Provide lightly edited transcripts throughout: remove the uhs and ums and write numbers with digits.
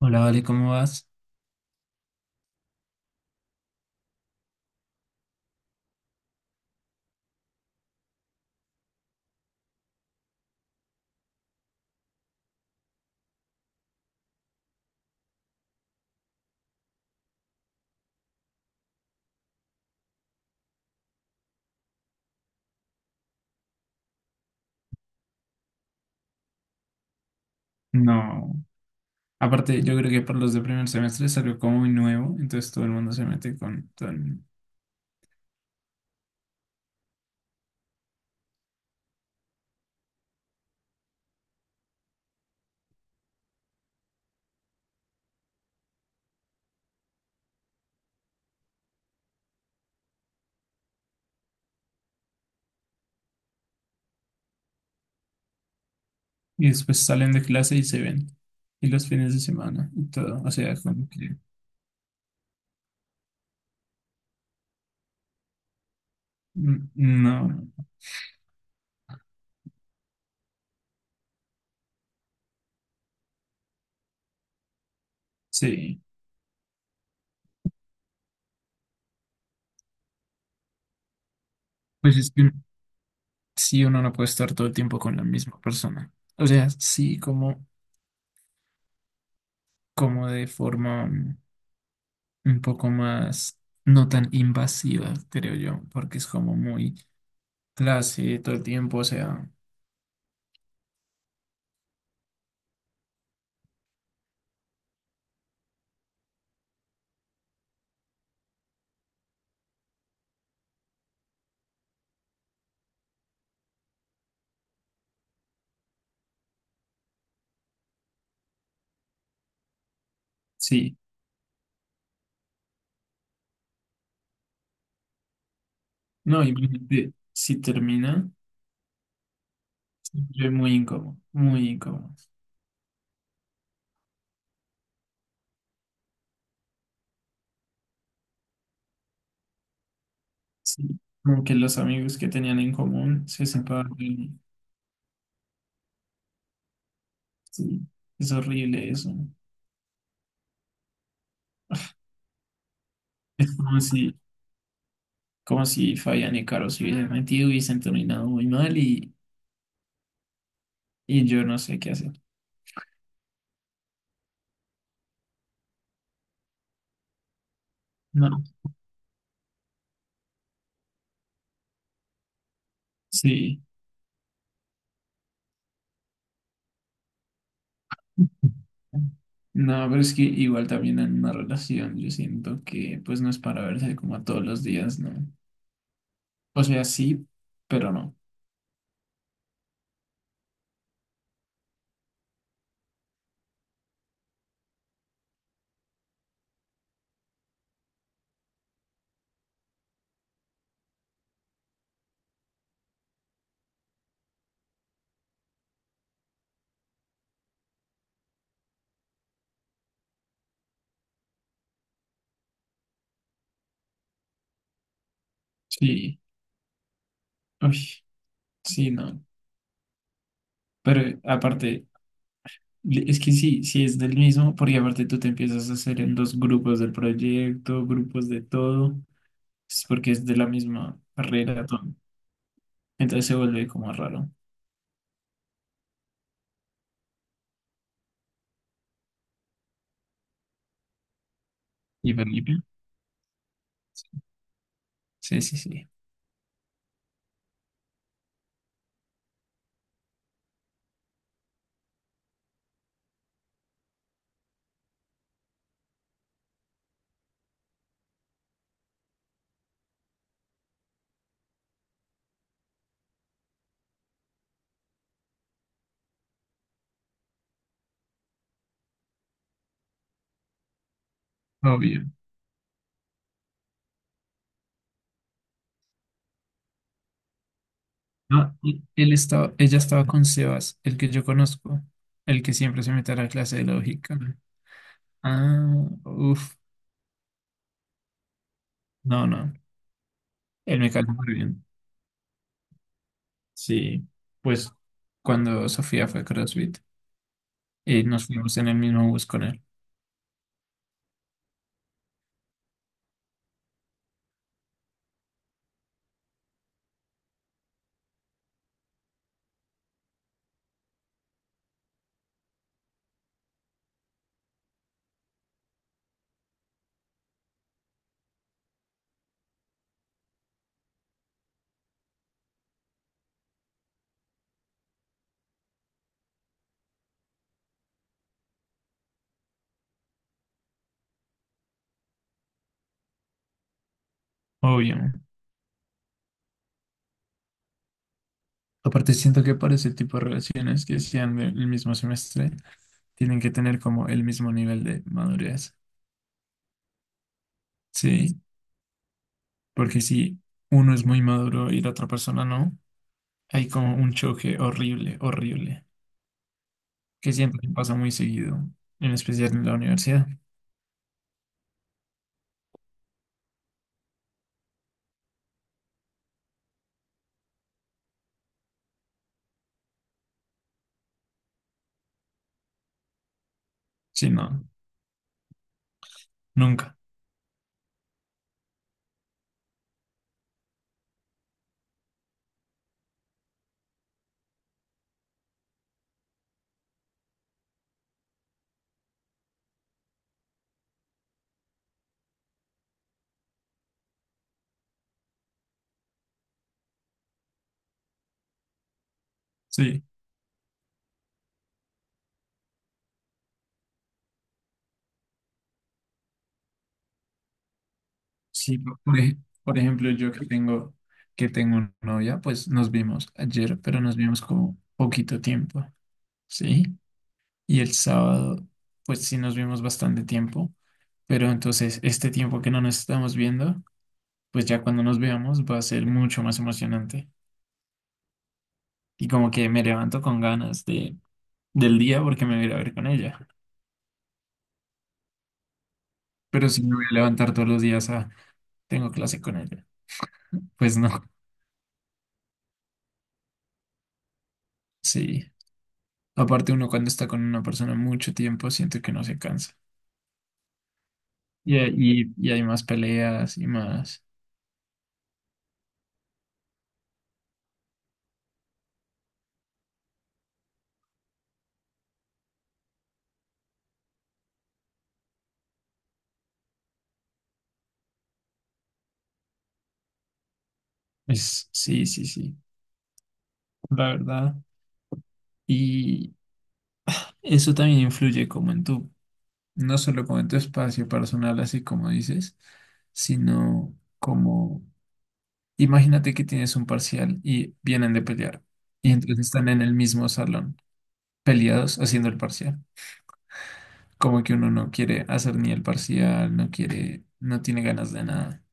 Hola, Vale, ¿cómo vas? No. Aparte, yo creo que para los de primer semestre salió como muy nuevo, entonces todo el mundo se mete con todo el mundo. Y después salen de clase y se ven. Y los fines de semana y todo. O sea, como que mm, no. Sí. Pues es que sí, uno no puede estar todo el tiempo con la misma persona. O sea, sí, como, como de forma, mm, un poco más. No tan invasiva, creo yo, porque es como muy clase todo el tiempo, o sea. Sí. No, imagínate, si termina, siempre muy incómodo, muy incómodo. Sí, como que los amigos que tenían en común se separan. Sí, es horrible eso. Es como si Fabián y Caro se hubiesen metido y hubiesen terminado muy mal y yo no sé qué hacer. No, sí. No, pero es que igual también en una relación yo siento que pues no es para verse como todos los días, ¿no? O sea, sí, pero no. Sí. Uy, sí, no. Pero aparte, es que sí, sí es del mismo, porque aparte tú te empiezas a hacer en dos grupos del proyecto, grupos de todo, es porque es de la misma carrera, todo. Entonces se vuelve como raro. ¿Y Felipe? Sí, sí, sí. Obvio. Ah, y él estaba, ella estaba con Sebas, el que yo conozco, el que siempre se mete a la clase de lógica. Ah, uff, no, no, él me cayó muy bien. Sí, pues cuando Sofía fue a CrossFit y nos fuimos en el mismo bus con él, obvio. Aparte, siento que para ese tipo de relaciones que sean del mismo semestre, tienen que tener como el mismo nivel de madurez. Sí, porque si uno es muy maduro y la otra persona no, hay como un choque horrible, horrible, que siento que pasa muy seguido, en especial en la universidad. Sí, no, nunca. Sí, sí, por por ejemplo, yo que tengo novia, pues nos vimos ayer, pero nos vimos como poquito tiempo. Sí. Y el sábado, pues sí nos vimos bastante tiempo, pero entonces este tiempo que no nos estamos viendo, pues ya cuando nos veamos va a ser mucho más emocionante. Y como que me levanto con ganas de, del día porque me voy a ir a ver con ella. Pero si me voy a levantar todos los días a tengo clase con ella, pues no, sí. Aparte uno cuando está con una persona mucho tiempo siente que no se cansa. Y hay más peleas y más. Es, sí, sí, sí, la verdad. Y eso también influye como en tu, no solo como en tu espacio personal, así como dices, sino como, imagínate que tienes un parcial y vienen de pelear y entonces están en el mismo salón, peleados haciendo el parcial. Como que uno no quiere hacer ni el parcial, no quiere, no tiene ganas de nada.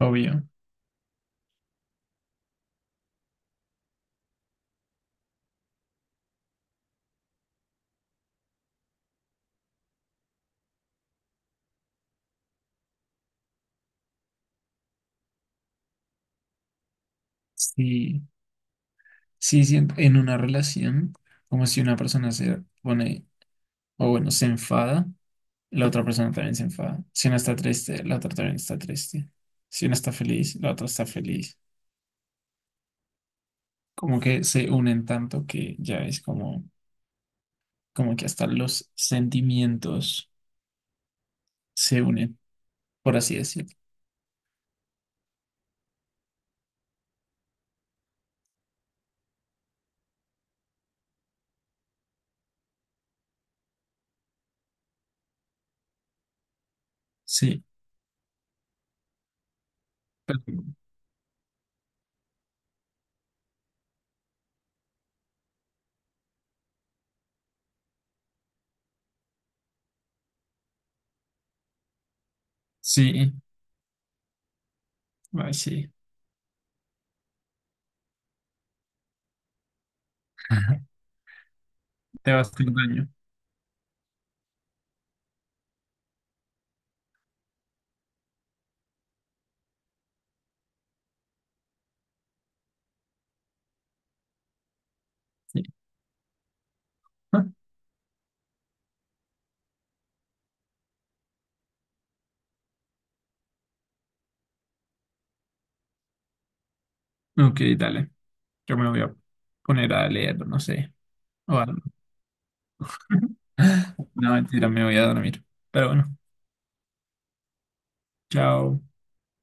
Obvio. Sí, sí, sí, en una relación, como si una persona se pone, o bueno, se enfada, la otra persona también se enfada. Si una está triste, la otra también está triste. Si una está feliz, la otra está feliz. Como que se unen tanto que ya es como, como que hasta los sentimientos se unen, por así decirlo. Sí, pero- sí, ay, sí. Ajá. Te vas a hacer daño. Sí. Ah, ok, dale. Yo me voy a poner a leer, no sé, o algo. No, mentira, me voy a dormir. Pero bueno, chao.